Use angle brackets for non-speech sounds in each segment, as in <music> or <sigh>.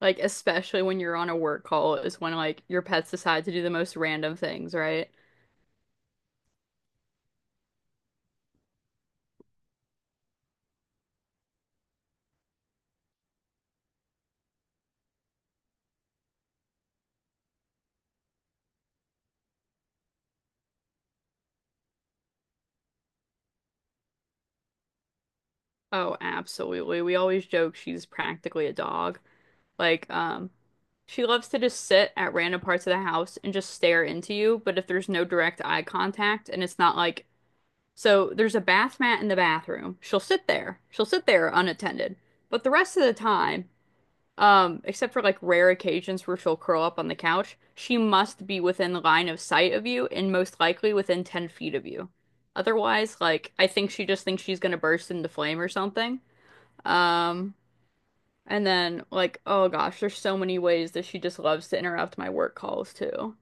Like, especially when you're on a work call, is when like your pets decide to do the most random things, right? Oh, absolutely. We always joke she's practically a dog. Like, she loves to just sit at random parts of the house and just stare into you, but if there's no direct eye contact and it's not like, so there's a bath mat in the bathroom, she'll sit there. She'll sit there unattended. But the rest of the time, except for like rare occasions where she'll curl up on the couch, she must be within line of sight of you and most likely within 10 feet of you. Otherwise, like, I think she just thinks she's gonna burst into flame or something. Um, and then, like, oh gosh, there's so many ways that she just loves to interrupt my work calls too.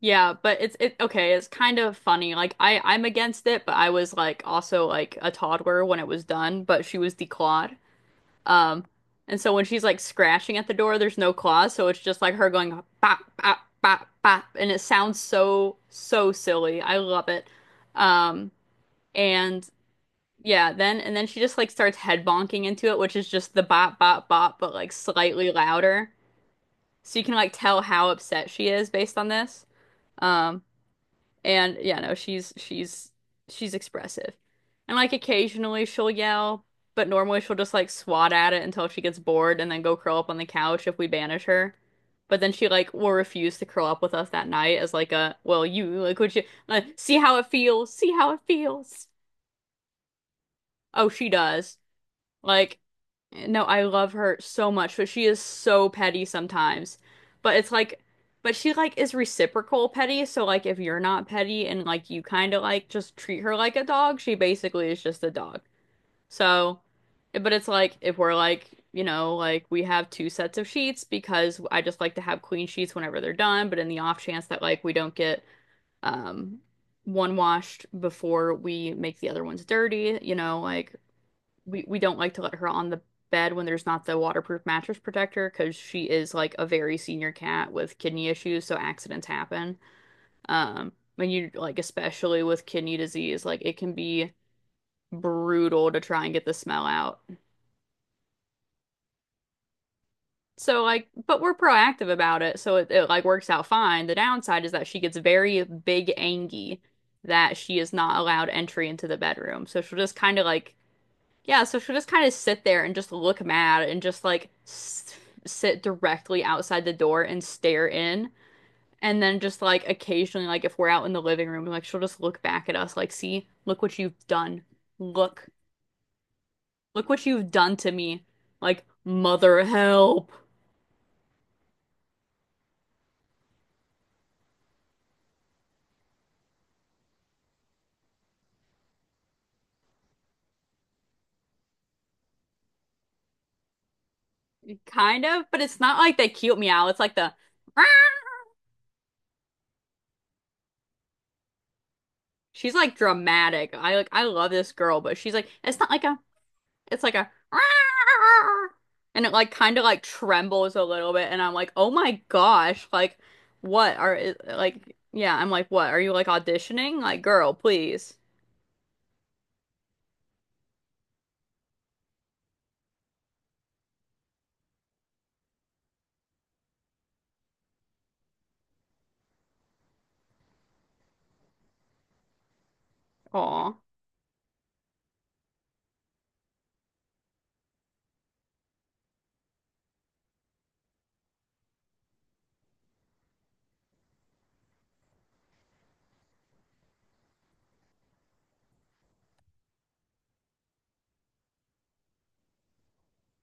Yeah, but it okay, it's kind of funny. Like I'm against it, but I was like also like a toddler when it was done, but she was the clod. Um, and so when she's like scratching at the door, there's no claws, so it's just like her going bop bop bop bop, and it sounds so so silly. I love it. Um, and yeah, then she just like starts head bonking into it, which is just the bop bop bop, but like slightly louder. So you can like tell how upset she is based on this. Um, and yeah, no, she's expressive. And like occasionally she'll yell, but normally she'll just like swat at it until she gets bored and then go curl up on the couch if we banish her. But then she like will refuse to curl up with us that night as like a, well, you like would you see how it feels, see how it feels. Oh, she does. Like no, I love her so much, but she is so petty sometimes. But it's like, but she like is reciprocal petty. So like, if you're not petty and like you kind of like just treat her like a dog, she basically is just a dog. So, but it's like if we're like, you know, like we have two sets of sheets because I just like to have clean sheets whenever they're done. But in the off chance that like we don't get um one washed before we make the other ones dirty, you know, like we don't like to let her on the bed when there's not the waterproof mattress protector because she is like a very senior cat with kidney issues, so accidents happen. When you like especially with kidney disease, like it can be brutal to try and get the smell out. So like, but we're proactive about it, so it like works out fine. The downside is that she gets very big angy that she is not allowed entry into the bedroom. So she'll just kind of like Yeah, so she'll just kind of sit there and just look mad and just like s sit directly outside the door and stare in. And then just like occasionally, like if we're out in the living room, like she'll just look back at us, like, see, look what you've done. Look, look what you've done to me. Like, mother help. Kind of, but it's not like that cute meow. It's like the, "Rah!" She's like dramatic. I like, I love this girl, but she's like, it's not like I'm. It's like a and it like kind of like trembles a little bit and I'm like, "Oh my gosh, like what are like yeah, I'm like, "What? Are you like auditioning? Like, girl, please." Aw.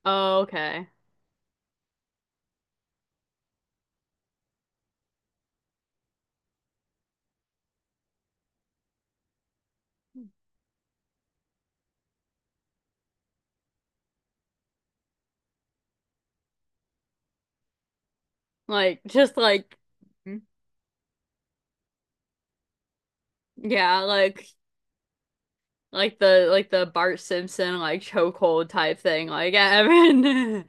Oh, okay. Like just like yeah, like the Bart Simpson like chokehold type thing. Like, Evan.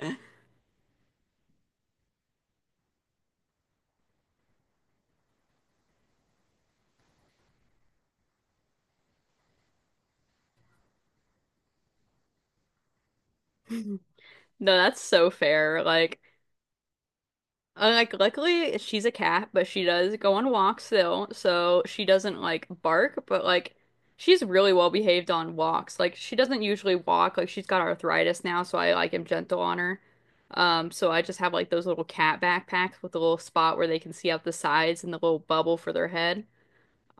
<laughs> No, that's so fair. Like, luckily, she's a cat, but she does go on walks still, so she doesn't like bark, but like, she's really well behaved on walks. Like, she doesn't usually walk, like, she's got arthritis now, so I like am gentle on her. So I just have like those little cat backpacks with a little spot where they can see out the sides and the little bubble for their head.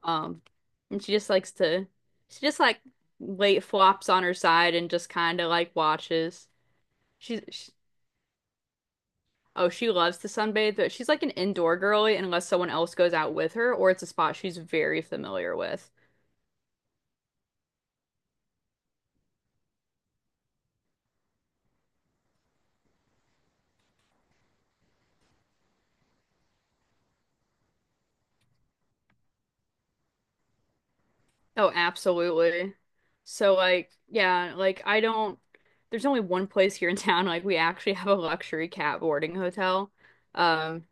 Um, and she just likes to, she just like lay flops on her side and just kind of like watches. She's, oh, she loves to sunbathe, but she's like an indoor girly unless someone else goes out with her or it's a spot she's very familiar with. Oh, absolutely. So like, yeah, like I don't there's only one place here in town like we actually have a luxury cat boarding hotel. Um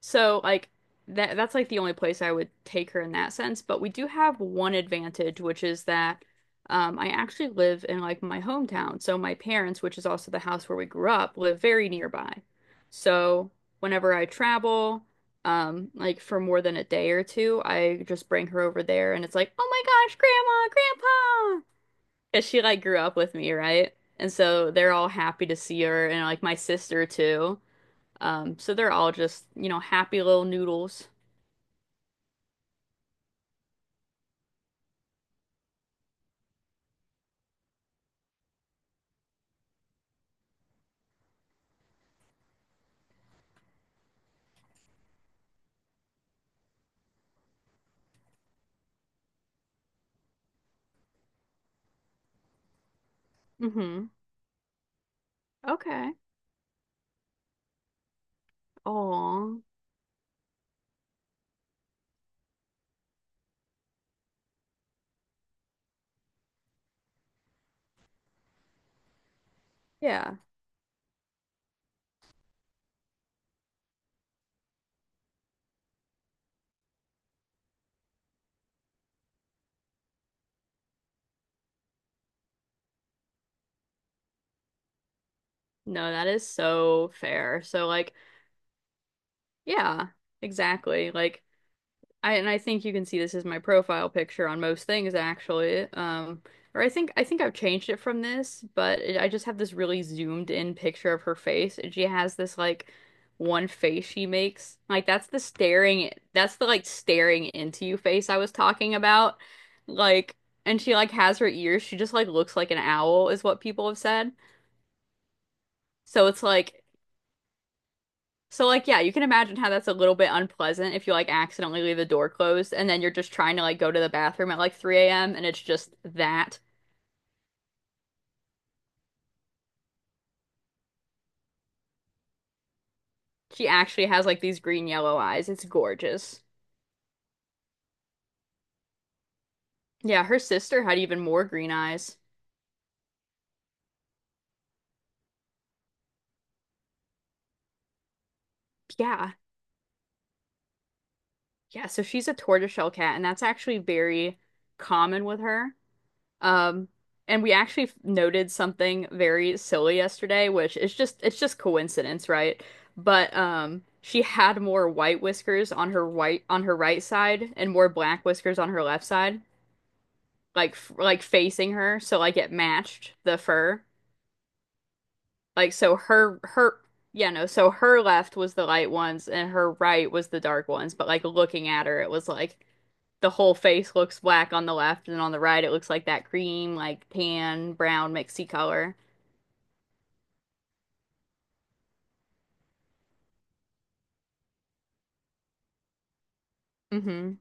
So like that's like the only place I would take her in that sense. But we do have one advantage, which is that I actually live in like my hometown. So my parents, which is also the house where we grew up, live very nearby. So whenever I travel, like for more than a day or two, I just bring her over there and it's like, oh my gosh, grandma, grandpa. Because she like grew up with me, right? And so they're all happy to see her and like my sister too. So they're all just, you know, happy little noodles. Mm-hmm. Okay. Oh. Yeah. No, that is so fair. So like, yeah, exactly. Like I and I think you can see this is my profile picture on most things actually. Or I think I've changed it from this, but it, I just have this really zoomed in picture of her face, and she has this like one face she makes. Like that's the staring, that's the like staring into you face I was talking about. Like, and she like has her ears. She just like looks like an owl, is what people have said. So it's like. So like yeah, you can imagine how that's a little bit unpleasant if you like accidentally leave the door closed and then you're just trying to like go to the bathroom at like 3 a.m. and it's just that. She actually has like these green yellow eyes. It's gorgeous. Yeah, her sister had even more green eyes. Yeah. Yeah, so she's a tortoiseshell cat and that's actually very common with her. Um, and we actually noted something very silly yesterday, which is just it's just coincidence, right? But she had more white whiskers on her white on her right side and more black whiskers on her left side, like like facing her, so like it matched the fur. Like so her yeah, no, so her left was the light ones and her right was the dark ones, but like looking at her it was like the whole face looks black on the left and on the right it looks like that cream like tan brown mixy color. Hmm.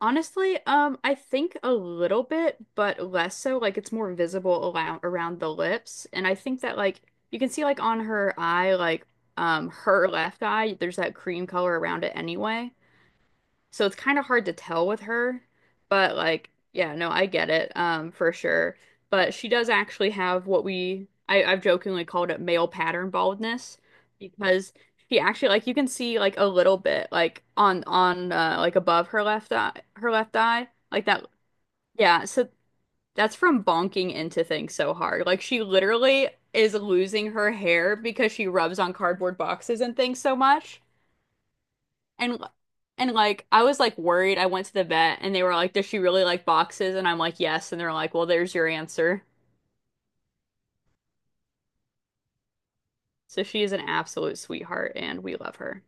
Honestly, I think a little bit, but less so like it's more visible around the lips and I think that like you can see like on her eye like her left eye there's that cream color around it anyway. So it's kind of hard to tell with her, but like, yeah, no, I get it, for sure. But she does actually have what we I've jokingly called it male pattern baldness because she actually like you can see like a little bit like on like above her left eye like that yeah so that's from bonking into things so hard like she literally is losing her hair because she rubs on cardboard boxes and things so much. And and like I was like worried. I went to the vet and they were like, "Does she really like boxes?" And I'm like, "Yes." And they're like, "Well, there's your answer." So she is an absolute sweetheart and we love her.